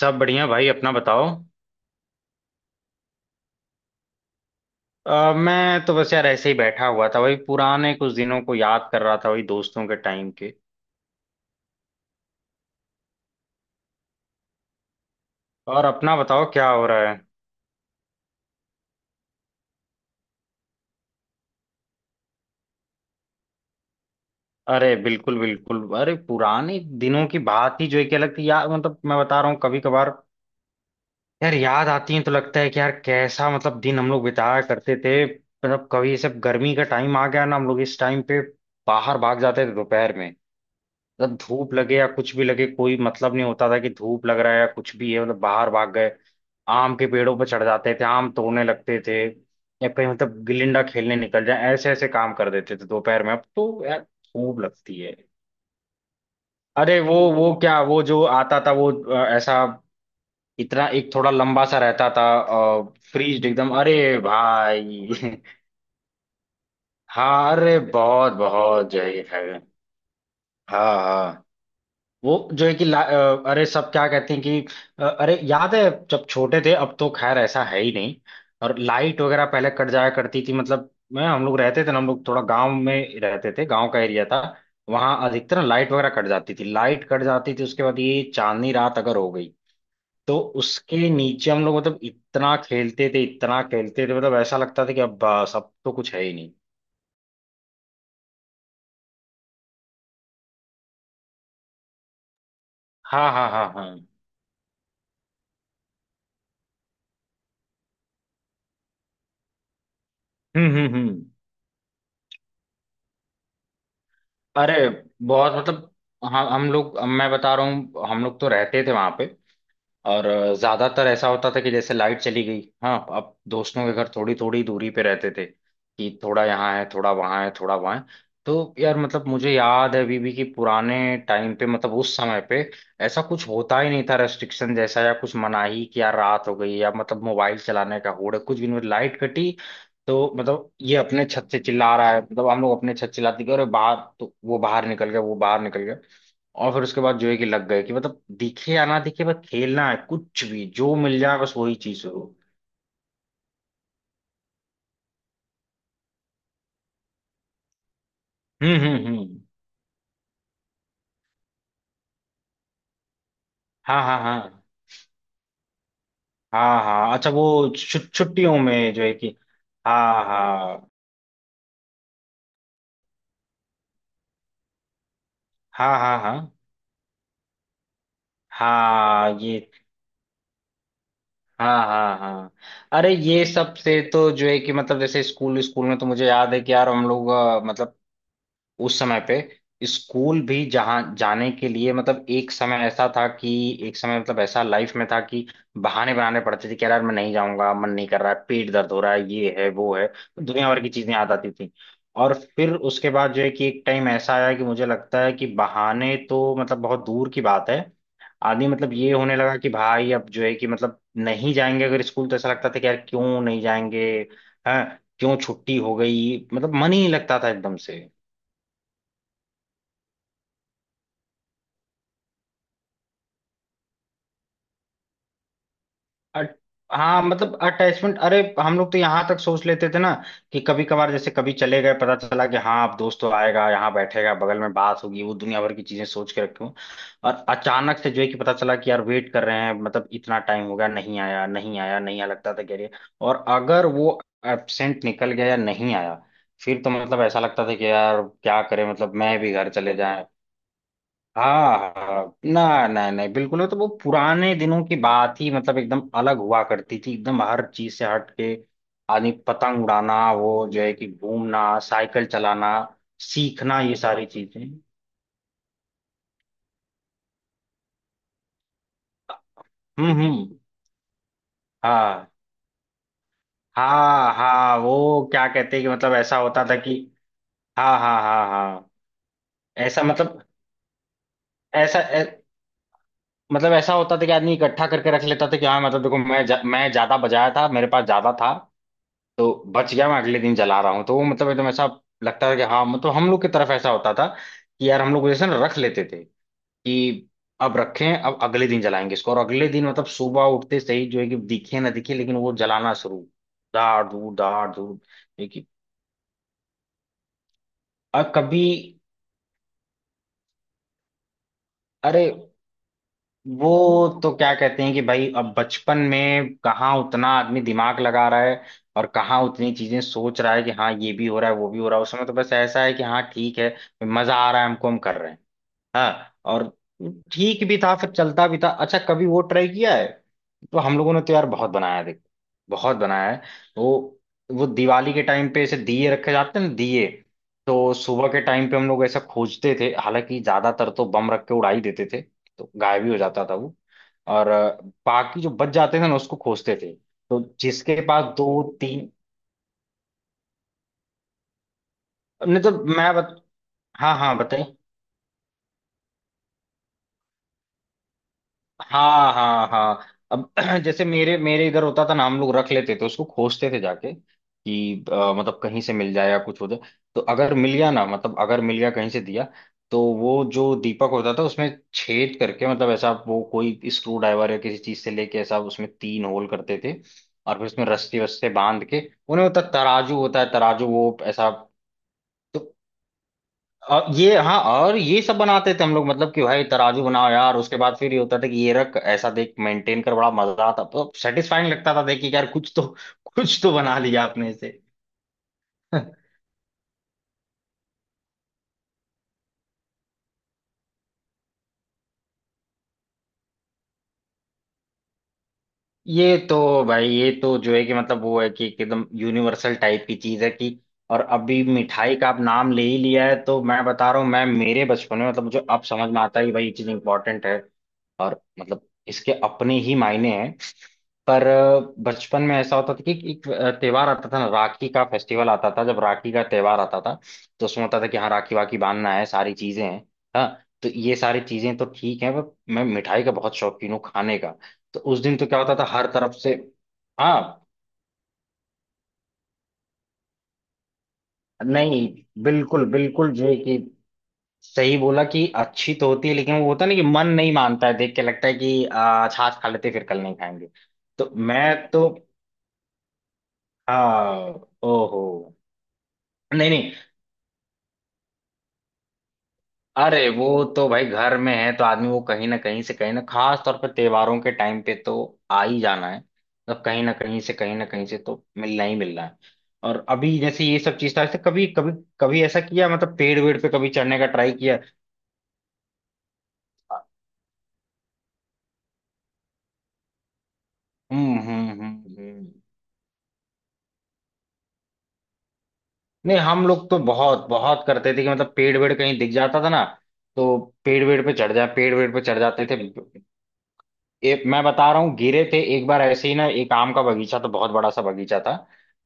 सब बढ़िया भाई अपना बताओ। मैं तो बस यार ऐसे ही बैठा हुआ था, वही पुराने कुछ दिनों को याद कर रहा था, वही दोस्तों के टाइम के। और अपना बताओ क्या हो रहा है। अरे बिल्कुल बिल्कुल, अरे पुराने दिनों की बात ही जो है क्या लगती है यार, मतलब मैं बता रहा हूँ कभी कभार यार याद आती है, तो लगता है कि यार कैसा मतलब दिन हम लोग बिताया करते थे। मतलब कभी ये सब गर्मी का टाइम आ गया ना, हम लोग इस टाइम पे बाहर भाग जाते थे दोपहर में। मतलब धूप लगे या कुछ भी लगे, कोई मतलब नहीं होता था कि धूप लग रहा है या कुछ भी है, मतलब बाहर भाग गए। आम के पेड़ों पर चढ़ जाते थे, आम तोड़ने लगते थे, या कहीं मतलब गिलिंडा खेलने निकल जाए, ऐसे ऐसे काम कर देते थे दोपहर में। अब तो यार खूब लगती है। अरे वो क्या, वो जो आता था वो ऐसा इतना एक थोड़ा लंबा सा रहता था। फ्रीज एकदम, अरे भाई हाँ अरे बहुत बहुत जय है। हाँ हाँ। वो जो है कि अरे सब क्या कहते हैं कि, अरे याद है जब छोटे थे, अब तो खैर ऐसा है ही नहीं। और लाइट वगैरह पहले कट जाया करती थी, मतलब मैं हम लोग रहते थे ना, हम लोग थोड़ा गांव में रहते थे, गांव का एरिया था। वहां अधिकतर ना लाइट वगैरह कट जाती थी, लाइट कट जाती थी। उसके बाद ये चांदनी रात अगर हो गई तो उसके नीचे हम लोग मतलब इतना खेलते थे इतना खेलते थे, मतलब ऐसा लगता था कि अब सब तो कुछ है ही नहीं। हाँ हाँ हाँ हाँ। हम्म। अरे बहुत मतलब हम लोग, मैं बता रहा हूँ, हम लोग तो रहते थे वहां पे। और ज्यादातर ऐसा होता था कि जैसे लाइट चली गई, हाँ, अब दोस्तों के घर थोड़ी थोड़ी दूरी पे रहते थे कि थोड़ा यहाँ है, थोड़ा वहाँ है, थोड़ा वहाँ है। तो यार मतलब मुझे याद है अभी भी कि पुराने टाइम पे मतलब उस समय पे ऐसा कुछ होता ही नहीं था, रेस्ट्रिक्शन जैसा या कुछ मनाही कि यार रात हो गई या मतलब मोबाइल चलाने का होड़ है, कुछ भी नहीं। लाइट कटी तो मतलब ये अपने छत से चिल्ला रहा है, मतलब हम लोग अपने छत चिल्लाते कि अरे बाहर, तो वो बाहर निकल गया, वो बाहर निकल गया। और फिर उसके बाद जो है कि लग गए कि मतलब दिखे या ना दिखे, बस खेलना है, कुछ भी जो मिल जाए बस वही चीज हो। हम्म। हाँ हाँ हाँ हाँ। हाँ, अच्छा, वो छुट्टियों में जो है कि, हाँ हाँ हाँ हाँ हाँ हाँ, ये हाँ हाँ हाँ। अरे ये सब से तो जो है कि मतलब जैसे स्कूल, स्कूल में तो मुझे याद है कि यार हम लोग मतलब उस समय पे स्कूल भी जहाँ जाने के लिए, मतलब एक समय ऐसा था कि, एक समय मतलब ऐसा लाइफ में था कि बहाने बनाने पड़ते थे कि यार मैं नहीं जाऊंगा, मन नहीं कर रहा है, पेट दर्द हो रहा है, ये है वो है, तो दुनिया भर की चीजें याद आती थी। और फिर उसके बाद जो है कि एक टाइम ऐसा आया कि मुझे लगता है कि बहाने तो मतलब बहुत दूर की बात है, आदमी मतलब ये होने लगा कि भाई अब जो है कि मतलब नहीं जाएंगे अगर स्कूल, तो ऐसा लगता था कि यार क्यों नहीं जाएंगे, हैं, क्यों छुट्टी हो गई, मतलब मन ही नहीं लगता था एकदम से। अट- हाँ मतलब अटैचमेंट, अरे हम लोग तो यहाँ तक सोच लेते थे ना कि कभी कभार जैसे कभी चले गए, पता चला कि हाँ अब दोस्त तो आएगा, यहाँ बैठेगा बगल में, बात होगी, वो दुनिया भर की चीजें सोच के रखे हूँ। और अचानक से जो है कि पता चला कि यार वेट कर रहे हैं, मतलब इतना टाइम हो गया, नहीं आया नहीं आया नहीं आया, लगता था कह रही। और अगर वो एबसेंट निकल गया या नहीं आया, फिर तो मतलब ऐसा लगता था कि यार क्या करें, मतलब मैं भी घर चले जाए। हाँ हाँ, ना ना, नहीं बिल्कुल, वो तो वो पुराने दिनों की बात ही मतलब एकदम अलग हुआ करती थी, एकदम हर चीज से हट के आदमी। पतंग उड़ाना, वो जो है कि घूमना, साइकिल चलाना सीखना, ये सारी चीजें। हम्म। हाँ हाँ हाँ, वो क्या कहते हैं कि मतलब ऐसा होता था कि, हाँ हाँ हाँ हाँ ऐसा मतलब ऐसा मतलब ऐसा होता था कि आदमी इकट्ठा करके रख लेता था कि हाँ, मतलब देखो, मैं मैं ज्यादा बजाया था, मेरे पास ज्यादा था, तो बच गया, मैं अगले दिन जला रहा हूँ। तो वो मतलब एकदम ऐसा लगता है कि हाँ, मतलब हम लोग की तरफ ऐसा होता था कि यार हम लोग जैसे ना रख लेते थे कि अब रखें, अब अगले दिन जलाएंगे इसको। और अगले दिन मतलब सुबह उठते सही जो है कि दिखे ना दिखे, लेकिन वो जलाना शुरू। दाड़ दूध दाड़ दूध। देखिए, और कभी, अरे वो तो क्या कहते हैं कि भाई, अब बचपन में कहाँ उतना आदमी दिमाग लगा रहा है, और कहाँ उतनी चीजें सोच रहा है कि हाँ ये भी हो रहा है वो भी हो रहा है। उस समय तो बस ऐसा है कि हाँ ठीक है, मजा आ रहा है हमको, हम कर रहे हैं। हाँ, और ठीक भी था, फिर चलता भी था। अच्छा कभी वो ट्राई किया है? तो हम लोगों ने तो यार बहुत बनाया है, देखो बहुत बनाया है। वो वो दिवाली के टाइम पे ऐसे दिए रखे जाते हैं ना, दिए। तो सुबह के टाइम पे हम लोग ऐसा खोजते थे, हालांकि ज्यादातर तो बम रख के उड़ा ही देते थे तो गायब ही हो जाता था वो। और बाकी जो बच जाते थे ना उसको खोजते थे, तो जिसके पास दो तीन, नहीं तो मैं बत... हाँ हाँ बताइए। हाँ हाँ हाँ, अब जैसे मेरे मेरे इधर होता था ना, हम लोग रख लेते थे, उसको खोजते थे जाके कि मतलब कहीं से मिल जाए या कुछ हो जाए। तो अगर मिल गया ना, मतलब अगर मिल गया कहीं से दिया, तो वो जो दीपक होता था उसमें छेद करके, मतलब ऐसा वो कोई स्क्रू ड्राइवर या किसी चीज से लेके ऐसा उसमें तीन होल करते थे। और फिर उसमें रस्सी वस्से बांध के, उन्हें होता तराजू होता है, तराजू वो ऐसा। तो और ये, हाँ और ये सब बनाते थे हम लोग, मतलब कि भाई तराजू बनाओ यार। उसके बाद फिर ये होता था कि ये रख, ऐसा देख, मेंटेन कर, बड़ा मजा आता, तो सेटिस्फाइंग लगता था देख के कि यार कुछ तो, कुछ तो बना लिया आपने इसे। ये तो भाई, ये तो जो है कि मतलब वो है कि एकदम यूनिवर्सल टाइप की चीज है कि, और अभी मिठाई का आप नाम ले ही लिया है, तो मैं बता रहा हूँ, मैं मेरे बचपन में, मतलब मुझे अब समझ में आता है कि भाई ये चीज इंपॉर्टेंट है और मतलब इसके अपने ही मायने हैं। पर बचपन में ऐसा होता था कि एक त्योहार आता था ना, राखी का फेस्टिवल आता था। जब राखी का त्योहार आता था तो उसमें होता था कि हाँ राखी वाखी बांधना है, सारी चीजें हैं। हाँ, तो ये सारी चीजें तो ठीक है, पर मैं मिठाई का बहुत शौकीन हूँ खाने का, तो उस दिन तो क्या होता था हर तरफ से। हाँ, नहीं बिल्कुल बिल्कुल जो है कि सही बोला कि अच्छी तो होती है, लेकिन वो होता है ना कि मन नहीं मानता है, देख के लगता है कि आज आज खा लेते हैं, फिर कल नहीं खाएंगे। तो मैं तो, हाँ, ओहो, नहीं नहीं, अरे वो तो भाई घर में है तो आदमी वो कहीं ना कहीं से, कहीं ना, खास तौर पर त्योहारों के टाइम पे तो आ ही जाना है, मतलब कहीं ना कहीं से कहीं ना कहीं से तो मिलना ही मिलना है। और अभी जैसे ये सब चीज था, ऐसे कभी कभी कभी ऐसा किया, मतलब पेड़ वेड़ पे कभी चढ़ने का ट्राई किया? हम्म। हम्म। नहीं, हम लोग तो बहुत बहुत करते थे कि मतलब पेड़ वेड़ कहीं दिख जाता था ना, तो पेड़ वेड़ पे चढ़ जा पेड़ वेड़ पे चढ़ जाते थे। ये मैं बता रहा हूँ, गिरे थे एक बार ऐसे ही ना, एक आम का बगीचा, तो बहुत बड़ा सा बगीचा था,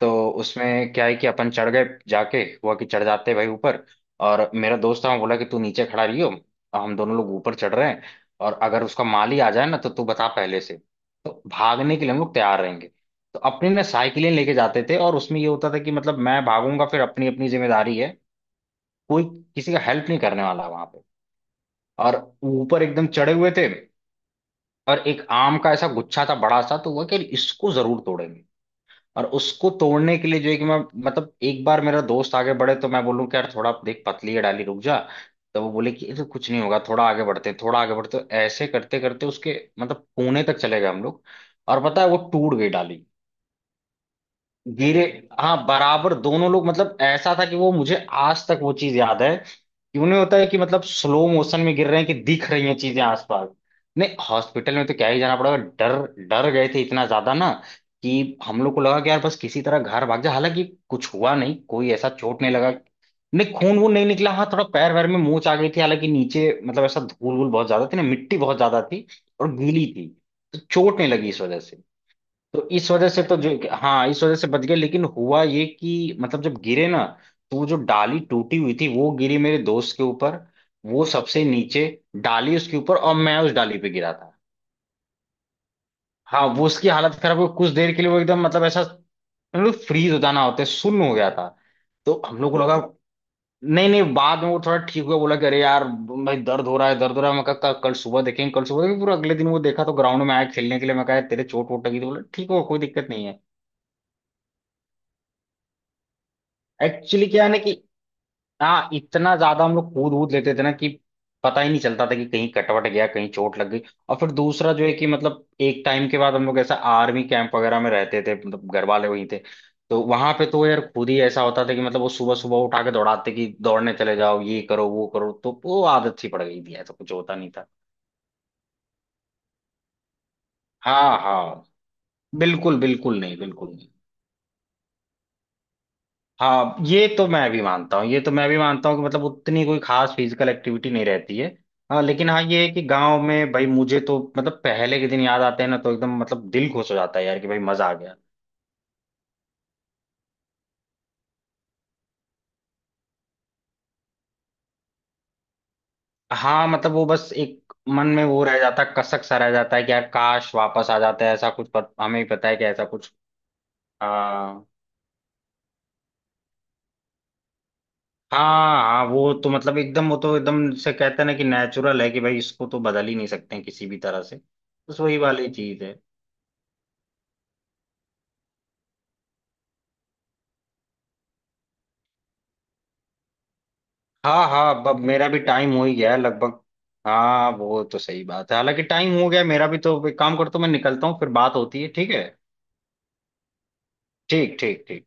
तो उसमें क्या है कि अपन चढ़ गए जाके, हुआ कि चढ़ जाते भाई ऊपर। और मेरा दोस्त था, वो बोला कि तू नीचे खड़ा रहियो, और हम दोनों लोग ऊपर चढ़ रहे हैं, और अगर उसका माली आ जाए ना तो तू बता पहले से, तो भागने के लिए हम लोग तैयार रहेंगे। तो अपनी ना साइकिलें लेके जाते थे, और उसमें ये होता था कि मतलब मैं भागूंगा फिर, अपनी अपनी जिम्मेदारी है, कोई किसी का हेल्प नहीं करने वाला वहां पे। और ऊपर एकदम चढ़े हुए थे। और एक आम का ऐसा गुच्छा था बड़ा सा, तो हुआ कि इसको जरूर तोड़ेंगे। और उसको तोड़ने के लिए जो है कि मैं एक बार मेरा दोस्त आगे बढ़े तो मैं बोलूँ कि यार थोड़ा देख पतली है डाली, रुक जा। तो वो बोले कि ये तो कुछ नहीं होगा, थोड़ा आगे बढ़ते हैं, थोड़ा आगे बढ़ते हैं। तो ऐसे करते करते उसके मतलब पुणे तक चले गए हम लोग। और पता है वो टूट गई डाली। गिरे। हाँ बराबर दोनों लोग। मतलब ऐसा था कि वो मुझे आज तक वो चीज याद है कि उन्हें होता है कि मतलब स्लो मोशन में गिर रहे हैं, कि दिख रही हैं चीजें आसपास। नहीं, हॉस्पिटल में तो क्या ही जाना पड़ेगा। डर डर गए थे इतना ज्यादा ना, कि हम लोग को लगा कि यार बस किसी तरह घर भाग जा। हालांकि कुछ हुआ नहीं, कोई ऐसा चोट नहीं लगा। नहीं, खून वून नहीं निकला। हाँ थोड़ा पैर वैर में मोच आ गई थी। हालांकि नीचे मतलब ऐसा धूल वूल बहुत ज्यादा थी ना, मिट्टी बहुत ज्यादा थी और गीली थी, तो चोट नहीं लगी इस वजह से। तो इस वजह से तो जो हाँ इस वजह से बच गए। लेकिन हुआ ये कि मतलब जब गिरे ना, तो वो जो डाली टूटी हुई थी वो गिरी मेरे दोस्त के ऊपर। वो सबसे नीचे, डाली उसके ऊपर, और मैं उस डाली पे गिरा था। हाँ वो उसकी हालत खराब हो गई। कुछ देर के लिए वो एकदम मतलब ऐसा फ्रीज हो जाना होता है, सुन्न हो गया था। तो हम लोग को लगा। नहीं नहीं, बाद में वो थोड़ा ठीक हुआ, बोला कि अरे यार भाई दर्द हो रहा है, दर्द हो रहा है। मैं कहा "कल कल सुबह देखेंगे, कल सुबह देखेंगे।" पूरा अगले दिन वो देखा तो ग्राउंड में आया खेलने के लिए। मैं कहा "यार, तेरे चोट वोट लगी?" तो बोला ठीक हो, कोई दिक्कत नहीं है। एक्चुअली क्या है ना कि हाँ इतना ज्यादा हम लोग कूद वूद लेते थे ना कि पता ही नहीं चलता था कि कहीं कटवट गया, कहीं चोट लग गई। और फिर दूसरा जो है कि मतलब एक टाइम के बाद हम लोग ऐसा आर्मी कैंप वगैरह में रहते थे, मतलब घर वाले वहीं थे। तो वहां पे तो यार खुद ही ऐसा होता था कि मतलब वो सुबह सुबह उठा के दौड़ाते कि दौड़ने चले जाओ, ये करो वो करो। तो वो आदत सी पड़ गई थी, ऐसा कुछ होता नहीं था। हाँ हाँ, बिल्कुल, बिल्कुल नहीं, बिल्कुल नहीं। हाँ ये तो मैं भी मानता हूँ, ये तो मैं भी मानता हूँ कि मतलब उतनी कोई खास फिजिकल एक्टिविटी नहीं रहती है। हाँ लेकिन हाँ ये है कि गांव में भाई मुझे तो मतलब पहले के दिन याद आते हैं ना, तो एकदम मतलब दिल खुश हो जाता है यार कि भाई मजा आ गया। हाँ मतलब वो बस एक मन में वो रह जाता है, कसक सा रह जाता है कि यार काश वापस आ जाता है ऐसा कुछ, पर हमें भी पता है कि ऐसा कुछ। हाँ हाँ। हाँ वो तो मतलब एकदम, वो तो एकदम से कहते हैं ना कि नेचुरल है कि भाई इसको तो बदल ही नहीं सकते हैं किसी भी तरह से। बस वही वाली चीज है। हाँ हाँ, अब मेरा भी टाइम हो ही गया है लगभग। हाँ वो तो सही बात है, हालांकि टाइम हो गया है, मेरा भी तो। एक काम करता हूँ मैं निकलता हूँ, फिर बात होती है, ठीक है। ठीक ठीक ठीक।